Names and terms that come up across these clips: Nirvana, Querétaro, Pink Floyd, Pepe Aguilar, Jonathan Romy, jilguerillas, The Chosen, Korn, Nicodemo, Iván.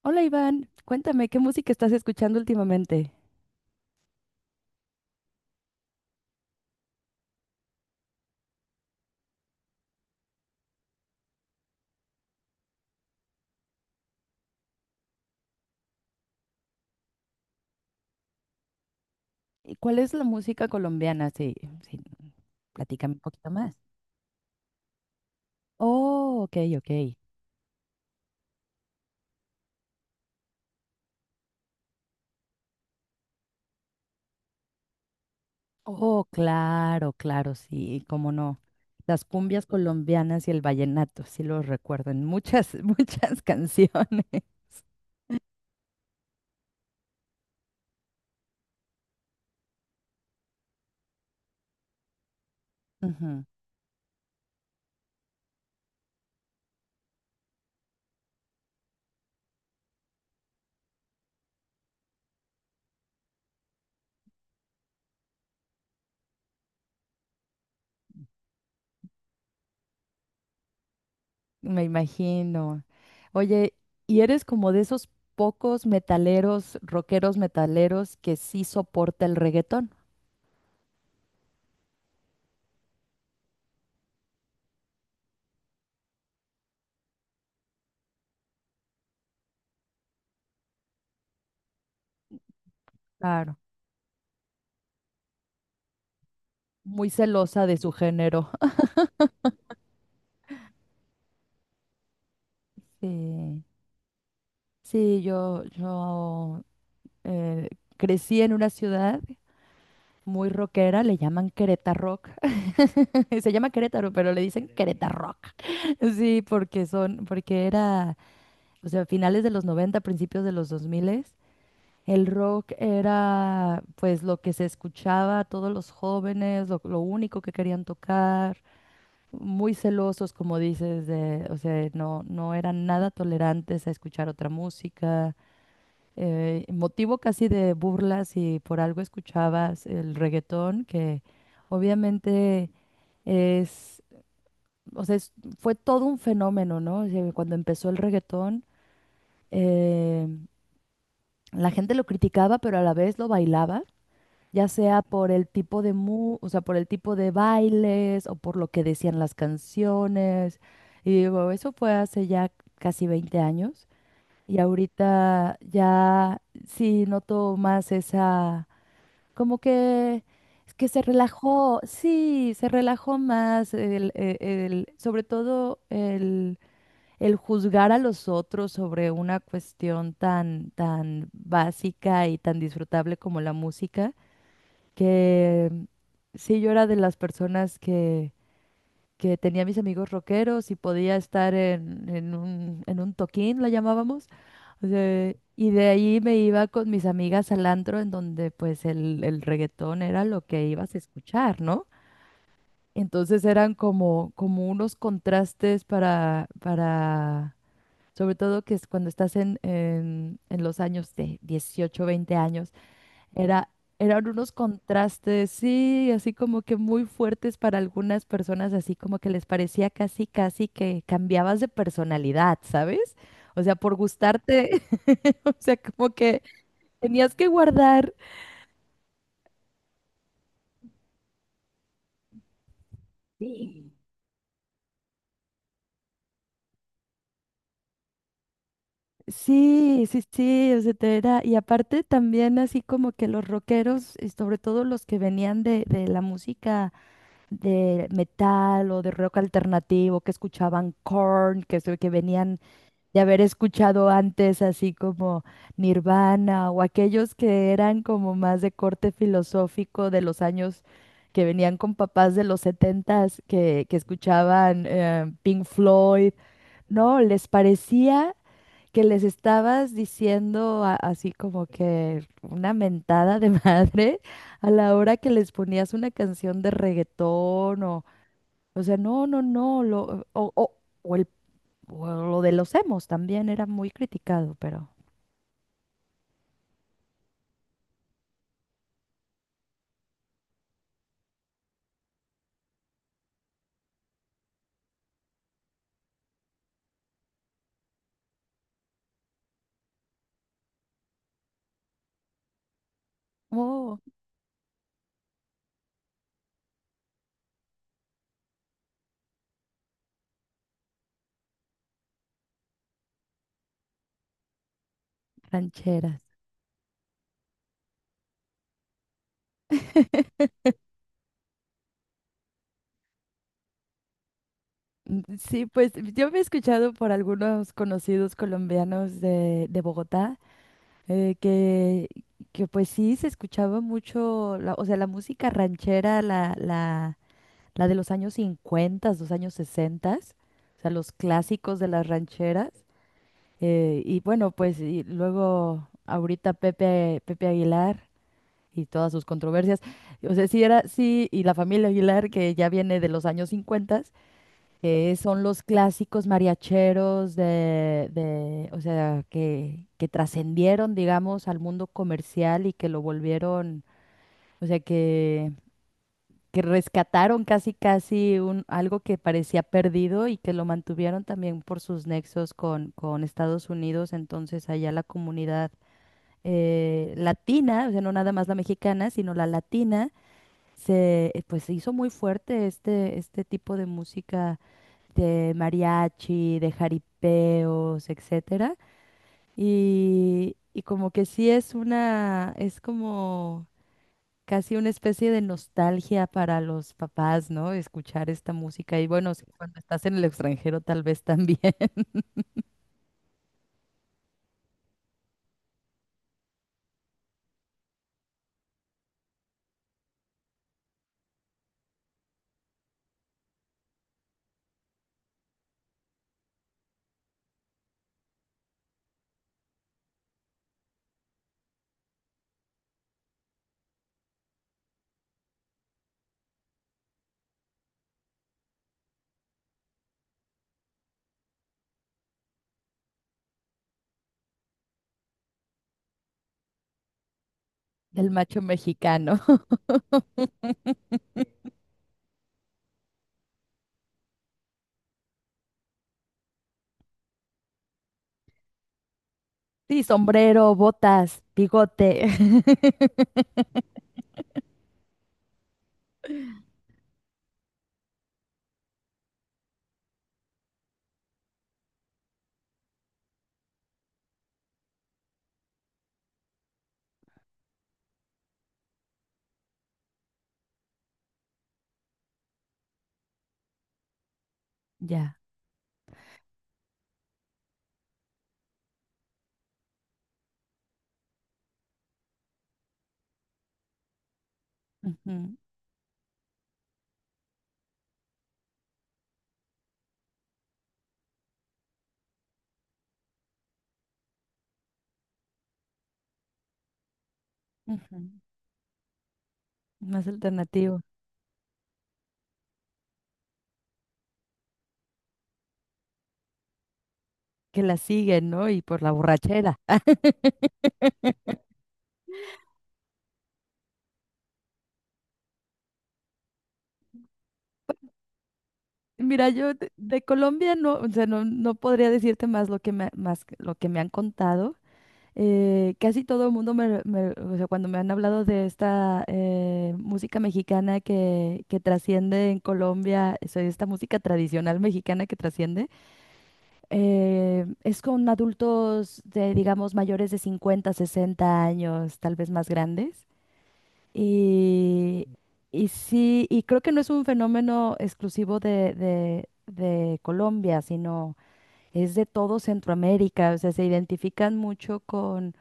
Hola Iván, cuéntame, ¿qué música estás escuchando últimamente? ¿Y cuál es la música colombiana? Sí, sí, platícame un poquito más. Oh, ok, ok. Oh, claro, claro, sí, cómo no. Las cumbias colombianas y el vallenato, sí los recuerdo en muchas, muchas canciones. Ujú. Me imagino. Oye, ¿y eres como de esos pocos metaleros, rockeros metaleros que sí soporta el reggaetón? Claro. Muy celosa de su género. Sí, sí, yo eh, crecí en una ciudad muy rockera, le llaman Querétaro Rock. Se llama Querétaro, pero le dicen Querétaro Rock. Sí, porque son, porque era, o sea, finales de los 90 principios de los 2000, el rock era pues lo que se escuchaba a todos los jóvenes, lo único que querían tocar. Muy celosos, como dices, de, o sea, no, no eran nada tolerantes a escuchar otra música, motivo casi de burlas y por algo escuchabas el reggaetón, que obviamente es, o sea, fue todo un fenómeno, ¿no? O sea, cuando empezó el reggaetón, eh, la gente lo criticaba, pero a la vez lo bailaba. Ya sea por el tipo de o sea, por el tipo de bailes o por lo que decían las canciones. Y digo, eso fue hace ya casi 20 años y ahorita ya sí noto más esa, como que es que se relajó, sí, se relajó más sobre todo el juzgar a los otros sobre una cuestión tan, tan básica y tan disfrutable como la música que sí, yo era de las personas que tenía mis amigos rockeros y podía estar en un toquín, la llamábamos. O sea, y de ahí me iba con mis amigas al antro, en donde pues el reggaetón era lo que ibas a escuchar, ¿no? Entonces eran como, como unos contrastes para, sobre todo que es cuando estás en los años de 18 20 años era, eran unos contrastes, sí, así como que muy fuertes para algunas personas, así como que les parecía casi, casi que cambiabas de personalidad, ¿sabes? O sea, por gustarte, o sea, como que tenías que guardar. Sí, sí, sí, o sea, y aparte también así como que los rockeros, y sobre todo los que venían de la música de metal o de rock alternativo, que escuchaban Korn, que, que venían de haber escuchado antes así como Nirvana o aquellos que eran como más de corte filosófico de los años que venían con papás de los setentas que escuchaban Pink Floyd, no, les parecía que les estabas diciendo así como que una mentada de madre a la hora que les ponías una canción de reggaetón o sea, no, no, no, lo, o, o el o lo de los emos también era muy criticado, pero... Oh, rancheras. Sí, pues yo me he escuchado por algunos conocidos colombianos de Bogotá eh, que, que pues sí se escuchaba mucho, o sea, la música ranchera, la de los años 50, los años 60, o sea, los clásicos de las rancheras. Eh, y bueno, pues y luego ahorita Pepe, Pepe Aguilar y todas sus controversias. O sea, sí era, sí, y la familia Aguilar, que ya viene de los años 50, que son los clásicos mariacheros de, o sea, que trascendieron, digamos, al mundo comercial y que lo volvieron, o sea, que rescataron casi, casi un, algo que parecía perdido y que lo mantuvieron también por sus nexos con Estados Unidos. Entonces, allá la comunidad latina, o sea, no nada más la mexicana, sino la latina, pues se hizo muy fuerte este, este tipo de música de mariachi, de jaripeos, etcétera. Y como que sí es una, es como casi una especie de nostalgia para los papás, ¿no? Escuchar esta música. Y bueno, sí, cuando estás en el extranjero, tal vez también. El macho mexicano. Sí, sombrero, botas, bigote. Ya. Ujú, ujú. Más alternativo. Que la siguen, ¿no? Y por la borrachera. Mira, yo de Colombia no, o sea, no, no podría decirte más lo que me, lo que me han contado. Casi todo el mundo me, o sea, cuando me han hablado de esta música mexicana que trasciende en Colombia, o sea, esta música tradicional mexicana que trasciende, es con adultos de, digamos, mayores de 50, 60 años, tal vez más grandes. Y, y sí, y creo que no es un fenómeno exclusivo de, de Colombia, sino es de todo Centroamérica. O sea, se identifican mucho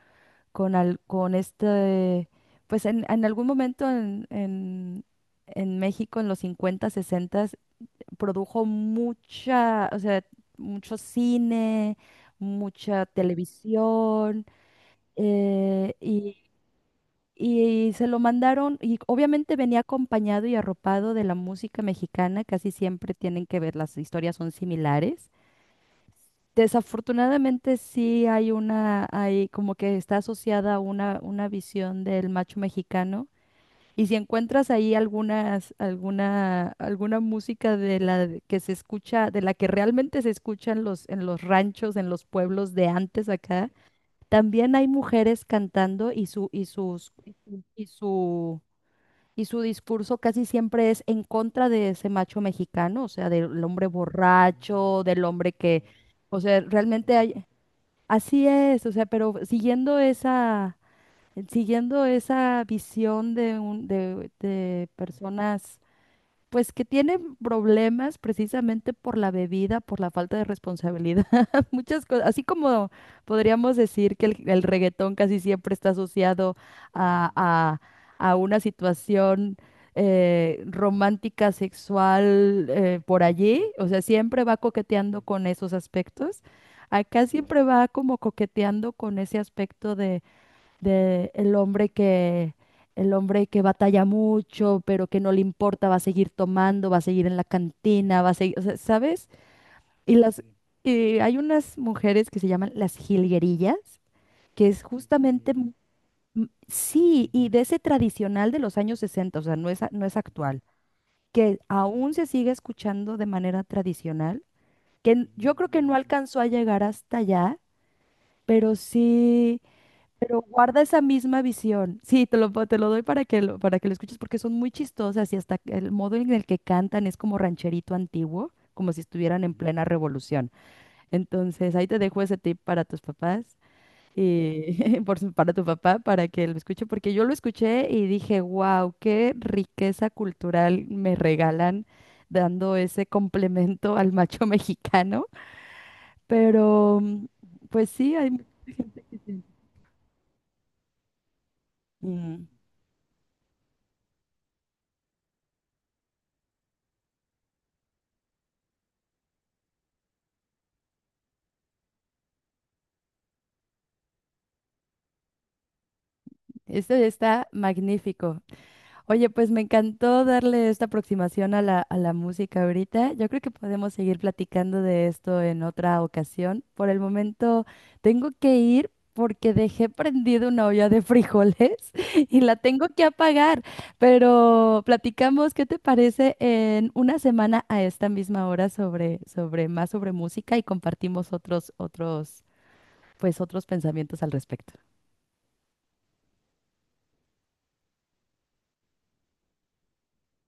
con, con este, pues en algún momento en México, en los 50 60, produjo mucha, o sea, mucho cine, mucha televisión. Eh, y se lo mandaron, y obviamente venía acompañado y arropado de la música mexicana, casi siempre tienen que ver, las historias son similares. Desafortunadamente sí hay una, hay como que está asociada una visión del macho mexicano. Y si encuentras ahí algunas, alguna, alguna música de la que se escucha, de la que realmente se escucha en los ranchos, en los pueblos de antes acá, también hay mujeres cantando y su, y su y su discurso casi siempre es en contra de ese macho mexicano, o sea, del hombre borracho, del hombre que, o sea, realmente hay, así es, o sea, pero siguiendo esa visión de un, de personas pues que tienen problemas precisamente por la bebida, por la falta de responsabilidad, muchas cosas. Así como podríamos decir que el reggaetón casi siempre está asociado a, a una situación romántica, sexual, por allí. O sea, siempre va coqueteando con esos aspectos. Acá siempre va como coqueteando con ese aspecto de el hombre que batalla mucho, pero que no le importa, va a seguir tomando, va a seguir en la cantina, va a seguir, o sea, ¿sabes? Y las Sí. Y hay unas mujeres que se llaman las jilguerillas, que es justamente mm, sí, y de ese tradicional de los años 60 o sea, no es actual, que aún se sigue escuchando de manera tradicional, que yo creo que no alcanzó a llegar hasta allá, pero sí pero guarda esa misma visión. Sí, te lo doy para que lo escuches porque son muy chistosas y hasta el modo en el que cantan es como rancherito antiguo, como si estuvieran en plena revolución. Entonces, ahí te dejo ese tip para tus papás y para tu papá para que lo escuche porque yo lo escuché y dije, "Wow, qué riqueza cultural me regalan dando ese complemento al macho mexicano." Pero mm, pues sí, hay Mm. Esto está magnífico. Oye, pues me encantó darle esta aproximación a la música ahorita. Yo creo que podemos seguir platicando de esto en otra ocasión. Por el momento tengo que ir porque dejé prendida una olla de frijoles y la tengo que apagar. Pero platicamos, ¿qué te parece en una semana a esta misma hora sobre, sobre más sobre música y compartimos otros, otros, pues otros pensamientos al respecto?